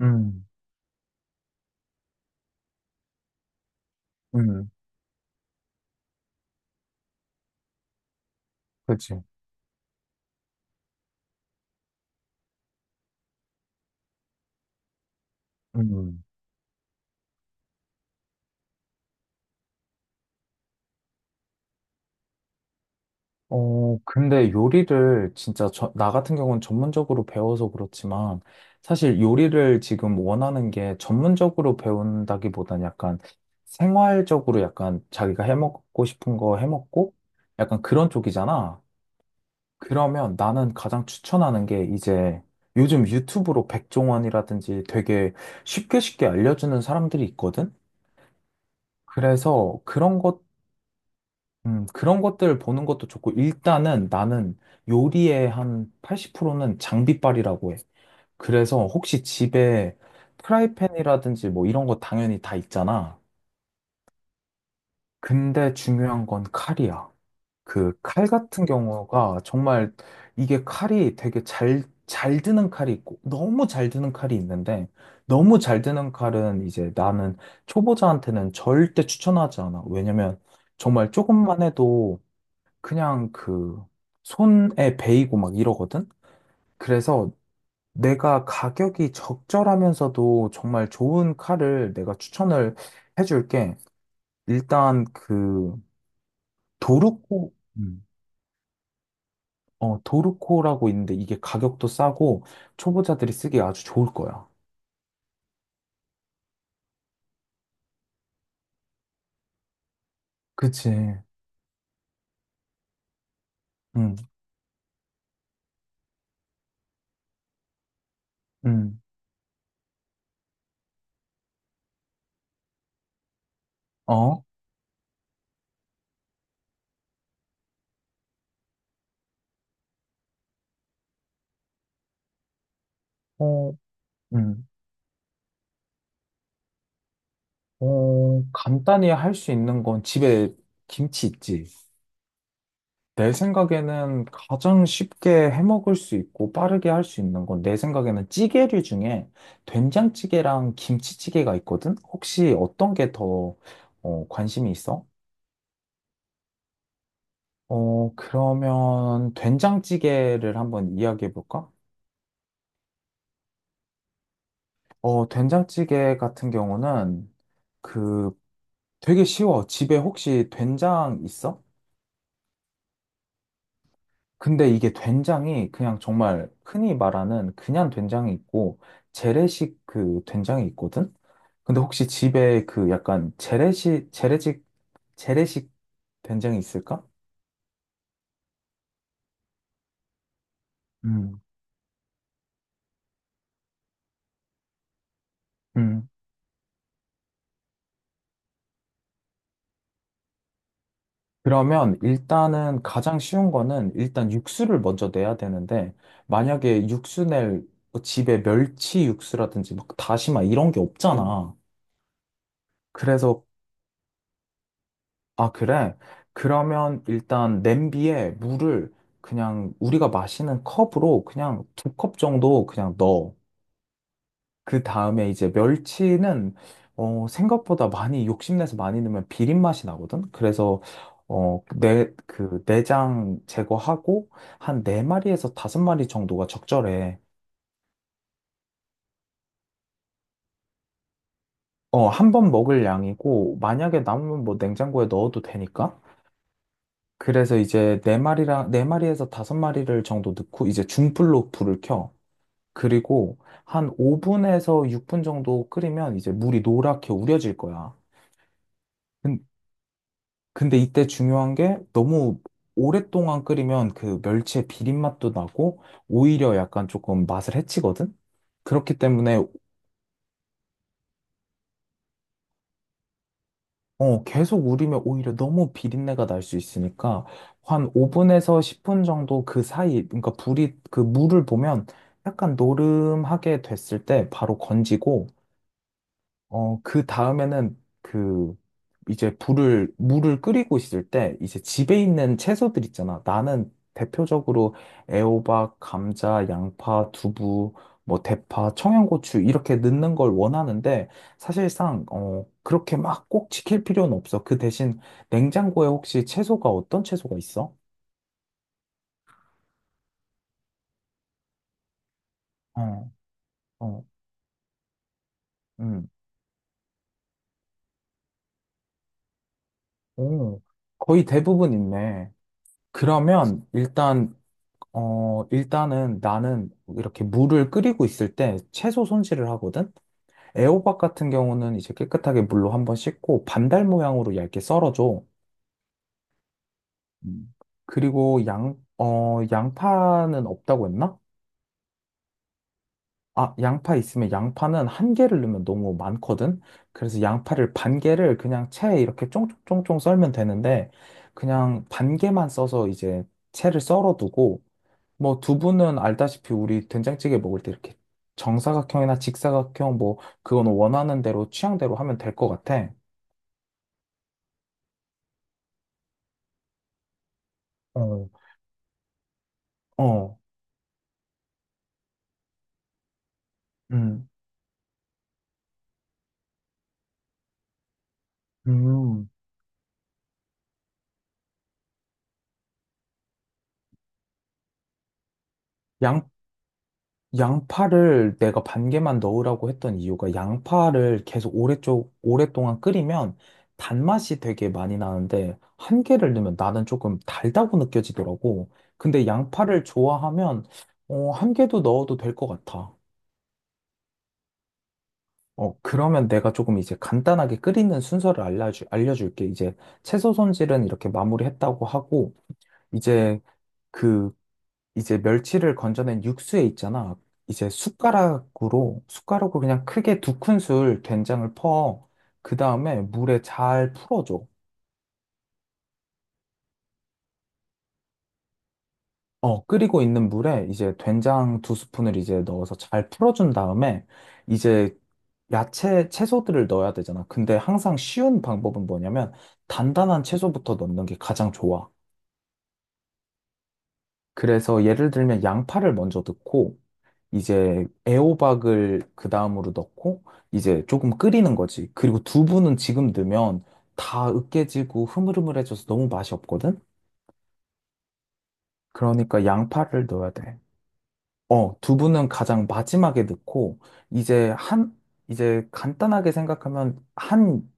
음. 음. 그치. 음. 근데 요리를 진짜 나 같은 경우는 전문적으로 배워서 그렇지만 사실 요리를 지금 원하는 게 전문적으로 배운다기보단 약간 생활적으로 약간 자기가 해먹고 싶은 거 해먹고 약간 그런 쪽이잖아. 그러면 나는 가장 추천하는 게 이제 요즘 유튜브로 백종원이라든지 되게 쉽게 쉽게 알려주는 사람들이 있거든? 그래서 그런 것들 보는 것도 좋고, 일단은 나는 요리의 한 80%는 장비빨이라고 해. 그래서 혹시 집에 프라이팬이라든지 뭐 이런 거 당연히 다 있잖아. 근데 중요한 건 칼이야. 그 칼 같은 경우가 정말 이게 칼이 되게 잘 드는 칼이 있고, 너무 잘 드는 칼이 있는데, 너무 잘 드는 칼은 이제 나는 초보자한테는 절대 추천하지 않아. 왜냐면 정말 조금만 해도 그냥 그 손에 베이고 막 이러거든? 그래서 내가 가격이 적절하면서도 정말 좋은 칼을 내가 추천을 해줄게. 일단 그 도르코, 음, 도르코라고 있는데 이게 가격도 싸고 초보자들이 쓰기 아주 좋을 거야. 그치. 응. 응. 어. 어. 응. 간단히 할 수 있는 건 집에 김치 있지. 내 생각에는 가장 쉽게 해먹을 수 있고 빠르게 할 수 있는 건 내 생각에는 찌개류 중에 된장찌개랑 김치찌개가 있거든? 혹시 어떤 게 더, 관심이 있어? 그러면 된장찌개를 한번 이야기해 볼까? 된장찌개 같은 경우는 그 되게 쉬워. 집에 혹시 된장 있어? 근데 이게 된장이 그냥 정말 흔히 말하는 그냥 된장이 있고 재래식 그 된장이 있거든? 근데 혹시 집에 그 약간 재래식 된장이 있을까? 음. 음. 그러면 일단은 가장 쉬운 거는 일단 육수를 먼저 내야 되는데 만약에 육수 낼 집에 멸치 육수라든지 막 다시마 이런 게 없잖아. 그래서. 아, 그래? 그러면 일단 냄비에 물을 그냥 우리가 마시는 컵으로 그냥 2컵 정도 그냥 넣어. 그 다음에 이제 멸치는 생각보다 많이 욕심내서 많이 넣으면 비린 맛이 나거든? 그래서 그 내장 제거하고 한 네마리에서 5마리 정도가 적절해. 한 번 먹을 양이고 만약에 남으면 뭐 냉장고에 넣어도 되니까. 그래서 이제 네 마리에서 다섯 마리를 정도 넣고 이제 중불로 불을 켜. 그리고 한 5분에서 6분 정도 끓이면 이제 물이 노랗게 우려질 거야. 근- 근데 이때 중요한 게 너무 오랫동안 끓이면 그 멸치의 비린 맛도 나고 오히려 약간 조금 맛을 해치거든. 그렇기 때문에 계속 우리면 오히려 너무 비린내가 날 수 있으니까 한 5분에서 10분 정도 그 사이, 그러니까 불이 그 물을 보면 약간 노름하게 됐을 때 바로 건지고, 그 다음에는 이제 불을 물을 끓이고 있을 때 이제 집에 있는 채소들 있잖아. 나는 대표적으로 애호박, 감자, 양파, 두부, 뭐 대파, 청양고추 이렇게 넣는 걸 원하는데 사실상 그렇게 막 꼭 지킬 필요는 없어. 그 대신 냉장고에 혹시 채소가 어떤 채소가 있어? 어. 어. 음. 오, 거의 대부분 있네. 그러면 일단은 나는 이렇게 물을 끓이고 있을 때 채소 손질을 하거든? 애호박 같은 경우는 이제 깨끗하게 물로 한번 씻고 반달 모양으로 얇게 썰어줘. 음. 그리고 양파는 없다고 했나? 아, 양파 있으면 양파는 한 개를 넣으면 너무 많거든? 그래서 양파를 반 개를 그냥 채에 이렇게 쫑쫑쫑쫑 썰면 되는데, 그냥 반 개만 써서 이제 채를 썰어두고, 뭐 두부는 알다시피 우리 된장찌개 먹을 때 이렇게 정사각형이나 직사각형 뭐 그건 원하는 대로 취향대로 하면 될 것 같아. 어. 어. 음. 음, 양, 양파를 내가 반 개만 넣으라고 했던 이유가 양파를 계속 오랫동안 끓이면 단맛이 되게 많이 나는데 한 개를 넣으면 나는 조금 달다고 느껴지더라고. 근데 양파를 좋아하면 한 개도 넣어도 될 것 같아. 그러면 내가 조금 이제 간단하게 끓이는 순서를 알려줄게. 이제 채소 손질은 이렇게 마무리했다고 하고, 이제 그, 이제 멸치를 건져낸 육수에 있잖아. 이제 숟가락으로 그냥 크게 2큰술 된장을 퍼. 그 다음에 물에 잘 풀어줘. 끓이고 있는 물에 이제 된장 두 스푼을 이제 넣어서 잘 풀어준 다음에 이제 채소들을 넣어야 되잖아. 근데 항상 쉬운 방법은 뭐냐면 단단한 채소부터 넣는 게 가장 좋아. 그래서 예를 들면 양파를 먼저 넣고 이제 애호박을 그 다음으로 넣고 이제 조금 끓이는 거지. 그리고 두부는 지금 넣으면 다 으깨지고 흐물흐물해져서 너무 맛이 없거든? 그러니까 양파를 넣어야 돼. 두부는 가장 마지막에 넣고 이제 한 이제 간단하게 생각하면 한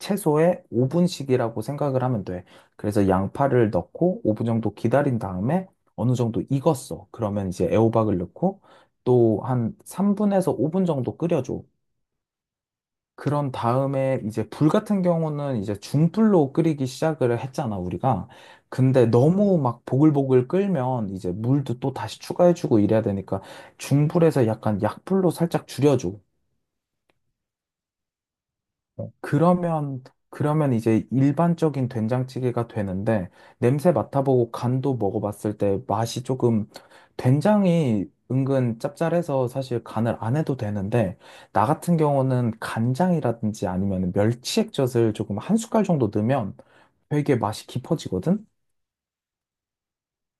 최소에 5분씩이라고 생각을 하면 돼. 그래서 양파를 넣고 5분 정도 기다린 다음에 어느 정도 익었어. 그러면 이제 애호박을 넣고 또 한 3분에서 5분 정도 끓여줘. 그런 다음에 이제 불 같은 경우는 이제 중불로 끓이기 시작을 했잖아, 우리가. 근데 너무 막 보글보글 끓면 이제 물도 또 다시 추가해주고 이래야 되니까 중불에서 약간 약불로 살짝 줄여줘. 어, 그러면, 그러면 이제 일반적인 된장찌개가 되는데, 냄새 맡아보고 간도 먹어봤을 때 맛이 조금, 된장이 은근 짭짤해서 사실 간을 안 해도 되는데, 나 같은 경우는 간장이라든지 아니면 멸치액젓을 조금 한 숟갈 정도 넣으면 되게 맛이 깊어지거든?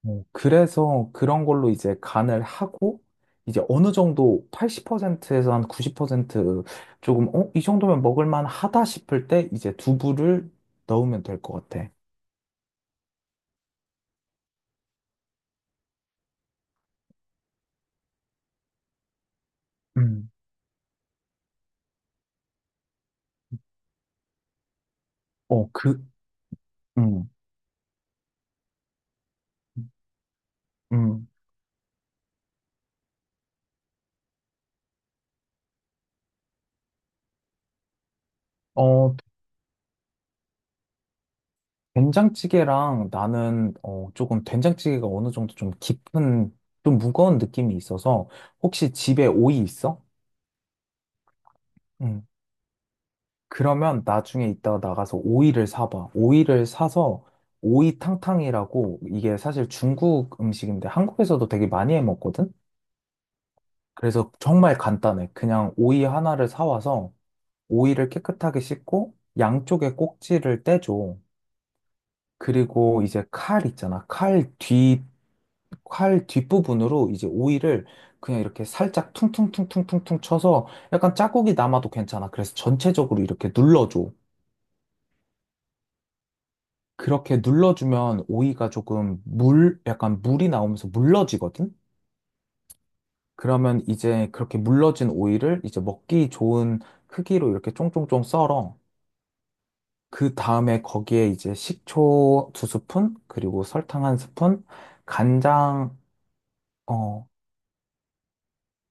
그래서 그런 걸로 이제 간을 하고, 이제 어느 정도 80%에서 한 90% 조금, 이 정도면 먹을만 하다 싶을 때 이제 두부를 넣으면 될 것 같아. 음. 어, 그, 음. 음. 어, 된장찌개랑 나는, 조금 된장찌개가 어느 정도 좀 깊은, 좀 무거운 느낌이 있어서, 혹시 집에 오이 있어? 음. 그러면 나중에 이따가 나가서 오이를 사봐. 오이를 사서 오이탕탕이라고 이게 사실 중국 음식인데 한국에서도 되게 많이 해 먹거든? 그래서 정말 간단해. 그냥 오이 하나를 사와서 오이를 깨끗하게 씻고 양쪽에 꼭지를 떼줘. 그리고 이제 칼 있잖아. 칼 뒷부분으로 이제 오이를 그냥 이렇게 살짝 퉁퉁퉁퉁퉁퉁 쳐서 약간 자국이 남아도 괜찮아. 그래서 전체적으로 이렇게 눌러줘. 그렇게 눌러주면 오이가 조금 약간 물이 나오면서 물러지거든? 그러면 이제 그렇게 물러진 오이를 이제 먹기 좋은 크기로 이렇게 쫑쫑쫑 썰어. 그 다음에 거기에 이제 식초 2스푼, 그리고 설탕 1스푼, 간장, 어,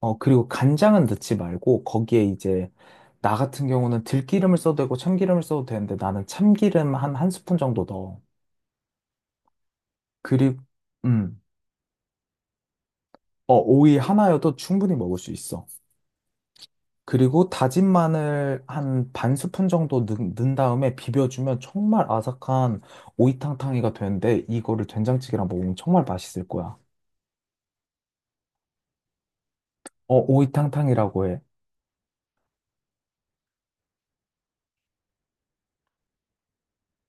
그리고 간장은 넣지 말고 거기에 이제 나 같은 경우는 들기름을 써도 되고 참기름을 써도 되는데 나는 참기름 1스푼 정도 넣어. 그리고, 음, 오이 하나여도 충분히 먹을 수 있어. 그리고 다진 마늘 한 반 스푼 정도 넣, 은 다음에 비벼주면 정말 아삭한 오이탕탕이가 되는데 이거를 된장찌개랑 먹으면 정말 맛있을 거야. 오이탕탕이라고 해.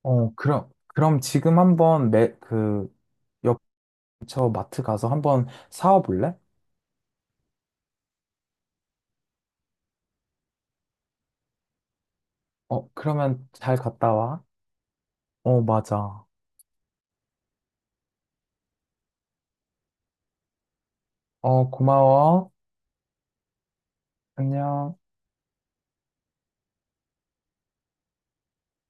그럼 지금 한번 매, 그 옆처 마트 가서 한번 사와 볼래? 그러면 잘 갔다 와. 어, 맞아. 어, 고마워. 안녕.